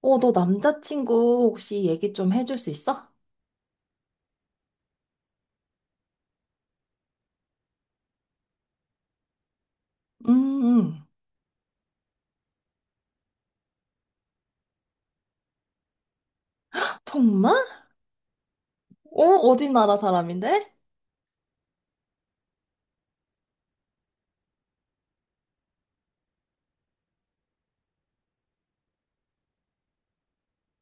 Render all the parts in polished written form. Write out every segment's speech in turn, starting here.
너 남자친구 혹시 얘기 좀 해줄 수 있어? 음, 음. 정말? 어디 나라 사람인데?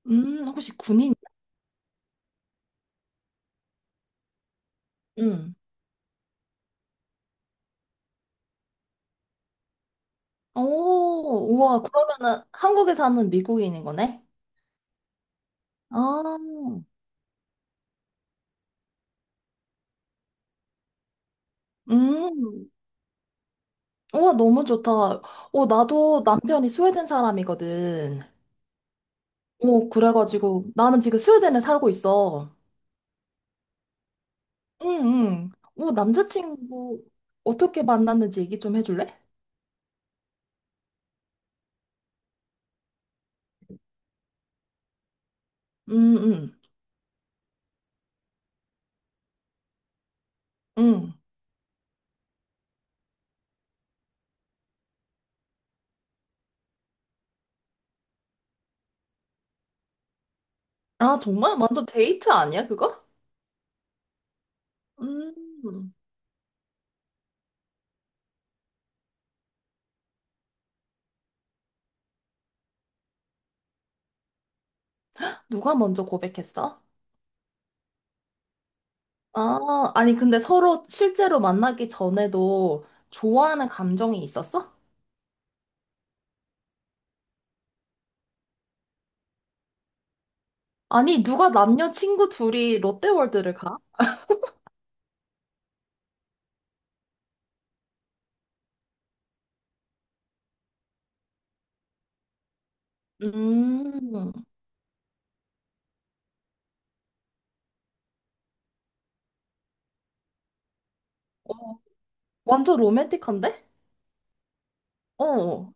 혹시 군인? 음. 오, 우와, 그러면은 한국에 사는 미국인인 거네? 아, 음. 우와, 너무 좋다. 나도 남편이 스웨덴 사람이거든. 오, 그래가지고 나는 지금 스웨덴에 살고 있어. 응, 응. 오, 남자친구 어떻게 만났는지 얘기 좀 해줄래? 응, 응, 응. 아, 정말? 완전 데이트 아니야, 그거? 음, 누가 먼저 고백했어? 아, 아니, 근데 서로 실제로 만나기 전에도 좋아하는 감정이 있었어? 아니, 누가 남녀 친구 둘이 롯데월드를 가? 음, 어, 완전 로맨틱한데? 어,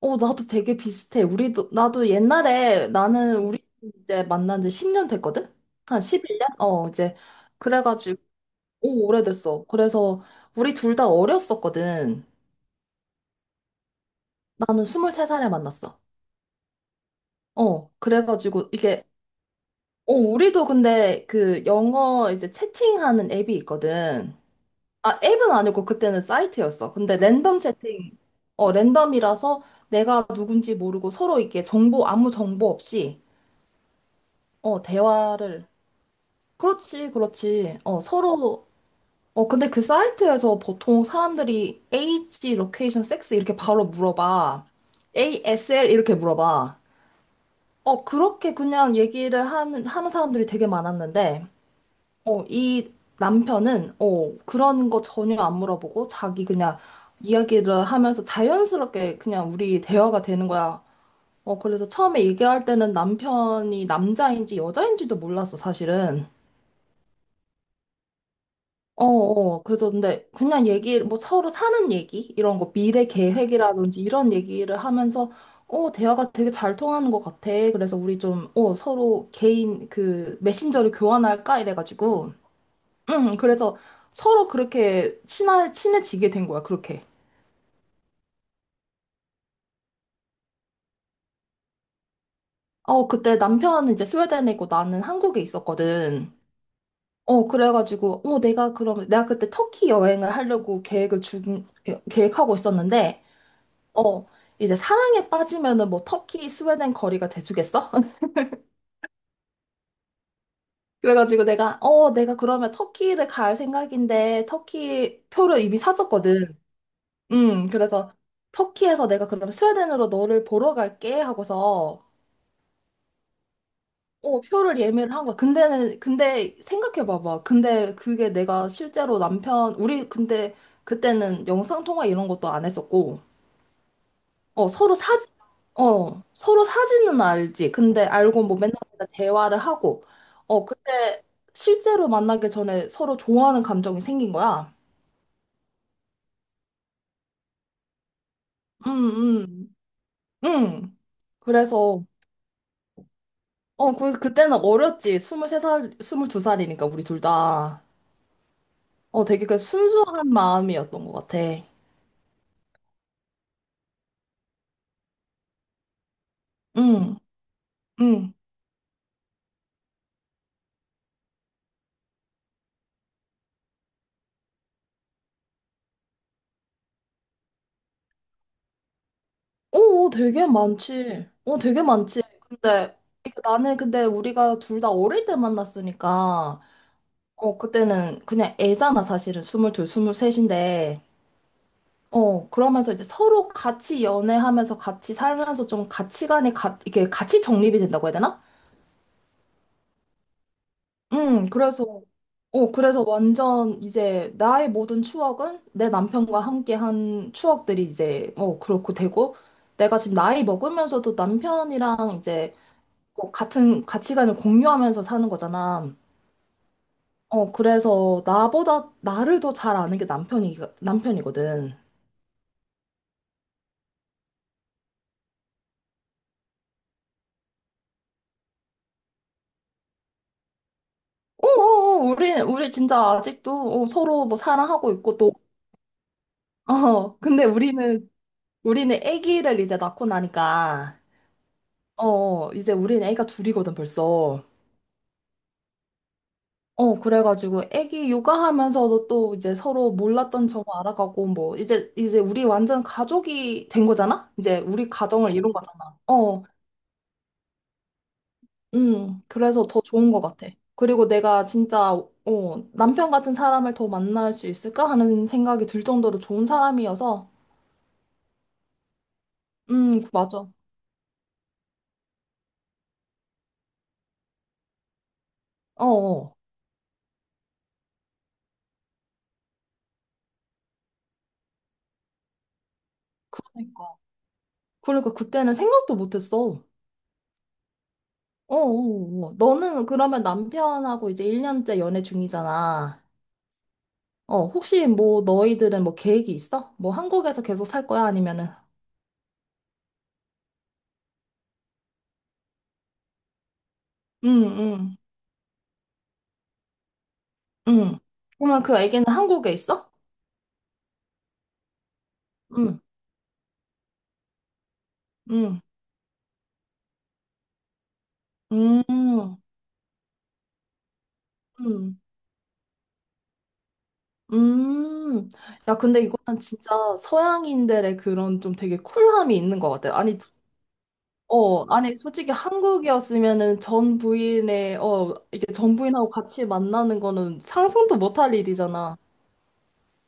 나도 되게 비슷해. 나도 옛날에 나는 우리 이제 만난 지 10년 됐거든? 한 11년? 이제. 그래가지고, 오, 오래됐어. 그래서 우리 둘 다 어렸었거든. 나는 23살에 만났어. 그래가지고 이게, 우리도 근데 그 영어 이제 채팅하는 앱이 있거든. 아, 앱은 아니고 그때는 사이트였어. 근데 랜덤 채팅, 랜덤이라서 내가 누군지 모르고 서로 이게 정보, 아무 정보 없이, 대화를. 그렇지, 그렇지. 서로, 근데 그 사이트에서 보통 사람들이 age, location, sex 이렇게 바로 물어봐. ASL 이렇게 물어봐. 그렇게 그냥 얘기를 하는 사람들이 되게 많았는데, 이 남편은, 그런 거 전혀 안 물어보고, 자기 그냥 이야기를 하면서 자연스럽게 그냥 우리 대화가 되는 거야. 그래서 처음에 얘기할 때는 남편이 남자인지 여자인지도 몰랐어, 사실은. 그래서 근데 그냥 얘기, 뭐 서로 사는 얘기? 이런 거, 미래 계획이라든지 이런 얘기를 하면서, 대화가 되게 잘 통하는 것 같아. 그래서 우리 좀, 서로 개인 그 메신저를 교환할까? 이래가지고. 응, 그래서 서로 그렇게 친해지게 된 거야, 그렇게. 그때 남편은 이제 스웨덴에 있고 나는 한국에 있었거든. 그래가지고, 내가 그러면, 내가 그때 터키 여행을 하려고 계획하고 있었는데, 어, 이제 사랑에 빠지면은 뭐 터키, 스웨덴 거리가 돼주겠어? 그래가지고 내가 그러면 터키를 갈 생각인데 터키 표를 이미 샀었거든. 그래서 터키에서 내가 그러면 스웨덴으로 너를 보러 갈게 하고서 표를 예매를 한 거야. 근데 생각해봐봐. 근데 그게 내가 실제로 남편, 우리 근데 그때는 영상통화 이런 것도 안 했었고. 어, 서로 사진, 서로 사진은 알지. 근데 알고 뭐 맨날 맨날 대화를 하고, 그때 실제로 만나기 전에 서로 좋아하는 감정이 생긴 거야. 응, 응, 응. 그래서, 그때는 어렸지. 23살 스물 두 살이니까 우리 둘 다. 되게 그 순수한 마음이었던 것 같아. 응, 응. 오, 되게 많지. 되게 많지. 근데, 이게 나는 근데 우리가 둘 다 어릴 때 만났으니까, 그때는 그냥 애잖아, 사실은. 22, 23인데. 그러면서 이제 서로 같이 연애하면서 같이 살면서 좀 가치관이 이게 같이 정립이 된다고 해야 되나? 그래서, 그래서 완전 이제 나의 모든 추억은 내 남편과 함께 한 추억들이 이제, 그렇고 되고, 내가 지금 나이 먹으면서도 남편이랑 이제, 같은 가치관을 공유하면서 사는 거잖아. 그래서 나보다 나를 더 잘 아는 게 남편이거든. 오오오, 우리 진짜 아직도 서로 뭐 사랑하고 있고 또, 근데 우리는 아기를 이제 낳고 나니까, 이제 우리는 아기가 둘이거든, 벌써. 그래가지고 아기 육아하면서도 또 이제, 서로 몰랐던 점을 알아가고, 뭐, 이제 우리 완전 가족이 된 거잖아? 이제 우리 가정을 이룬 거잖아. 그래서 더 좋은 것 같아. 그리고 내가 진짜, 남편 같은 사람을 더 만날 수 있을까 하는 생각이 들 정도로 좋은 사람이어서, 맞아. 어어. 그러니까. 그러니까 그때는 생각도 못했어. 어어. 너는 그러면 남편하고 이제 1년째 연애 중이잖아. 혹시 뭐 너희들은 뭐 계획이 있어? 뭐 한국에서 계속 살 거야? 아니면은? 응, 응, 응. 그러면 그 애기는 한국에 있어? 응, 응, 응응응. 야, 근데 이거는 진짜 서양인들의 그런 좀 되게 쿨함이 있는 것 같아. 아니, 아니, 솔직히 한국이었으면은 전 부인의, 이게 전 부인하고 같이 만나는 거는 상상도 못할 일이잖아.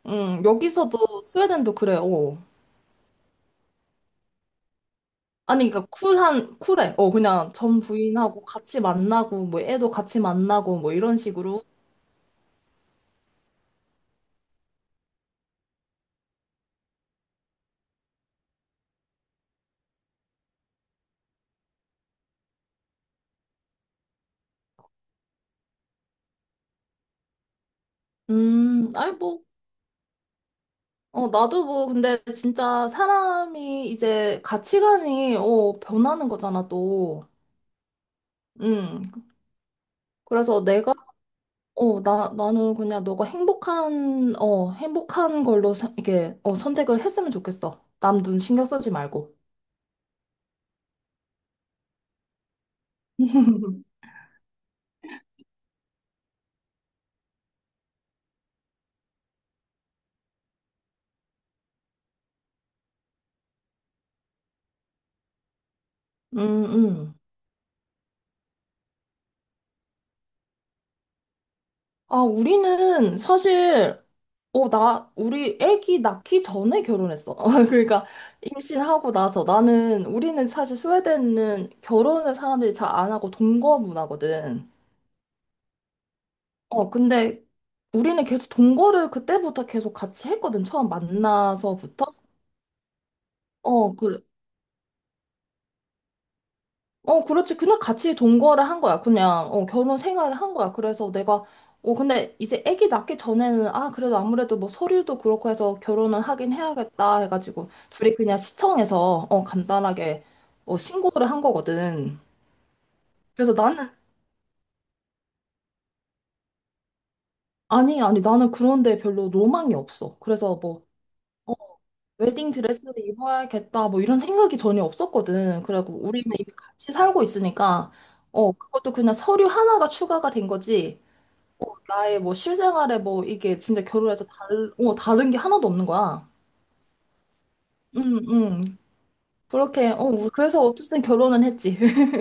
응, 여기서도 스웨덴도 그래. 아니, 그러니까 쿨해. 그냥 전 부인하고 같이 만나고, 뭐, 애도 같이 만나고, 뭐, 이런 식으로. 아니, 뭐, 나도 뭐, 근데 진짜 사람이 이제 가치관이, 변하는 거잖아, 또. 음, 그래서 내가 나는 그냥 너가 행복한 걸로 이게, 선택을 했으면 좋겠어. 남 눈 신경 쓰지 말고. 음, 음. 아, 우리는 사실, 우리 애기 낳기 전에 결혼했어. 그러니까 임신하고 나서 우리는 사실 스웨덴은 결혼을 사람들이 잘 안 하고 동거 문화거든. 근데 우리는 계속 동거를 그때부터 계속 같이 했거든. 처음 만나서부터. 어, 그, 그렇지. 그냥 같이 동거를 한 거야. 그냥, 결혼 생활을 한 거야. 그래서 근데 이제 아기 낳기 전에는, 아, 그래도 아무래도 뭐 서류도 그렇고 해서 결혼을 하긴 해야겠다 해가지고, 둘이 그냥 시청에서, 간단하게, 신고를 한 거거든. 그래서 아니, 아니, 나는 그런데 별로 로망이 없어. 그래서 뭐, 어, 웨딩 드레스를 입어야겠다, 뭐 이런 생각이 전혀 없었거든. 그래갖고 우리는 이미 같이 살고 있으니까, 그것도 그냥 서류 하나가 추가가 된 거지. 나의 뭐 실생활에 뭐 이게 진짜 결혼해서 다른 게 하나도 없는 거야. 응, 응. 그렇게, 우리 그래서 어쨌든 결혼은 했지.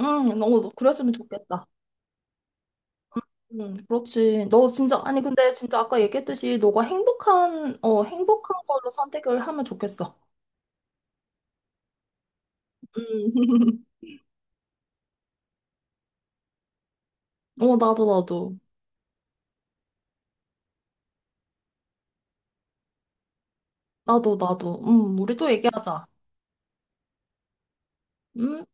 응, 너, 그랬으면 좋겠다. 응, 그렇지. 너 진짜, 아니, 근데 진짜 아까 얘기했듯이 너가 행복한 걸로 선택을 하면 좋겠어. 응, 나도, 나도. 나도, 나도. 응, 우리 또 얘기하자. 음.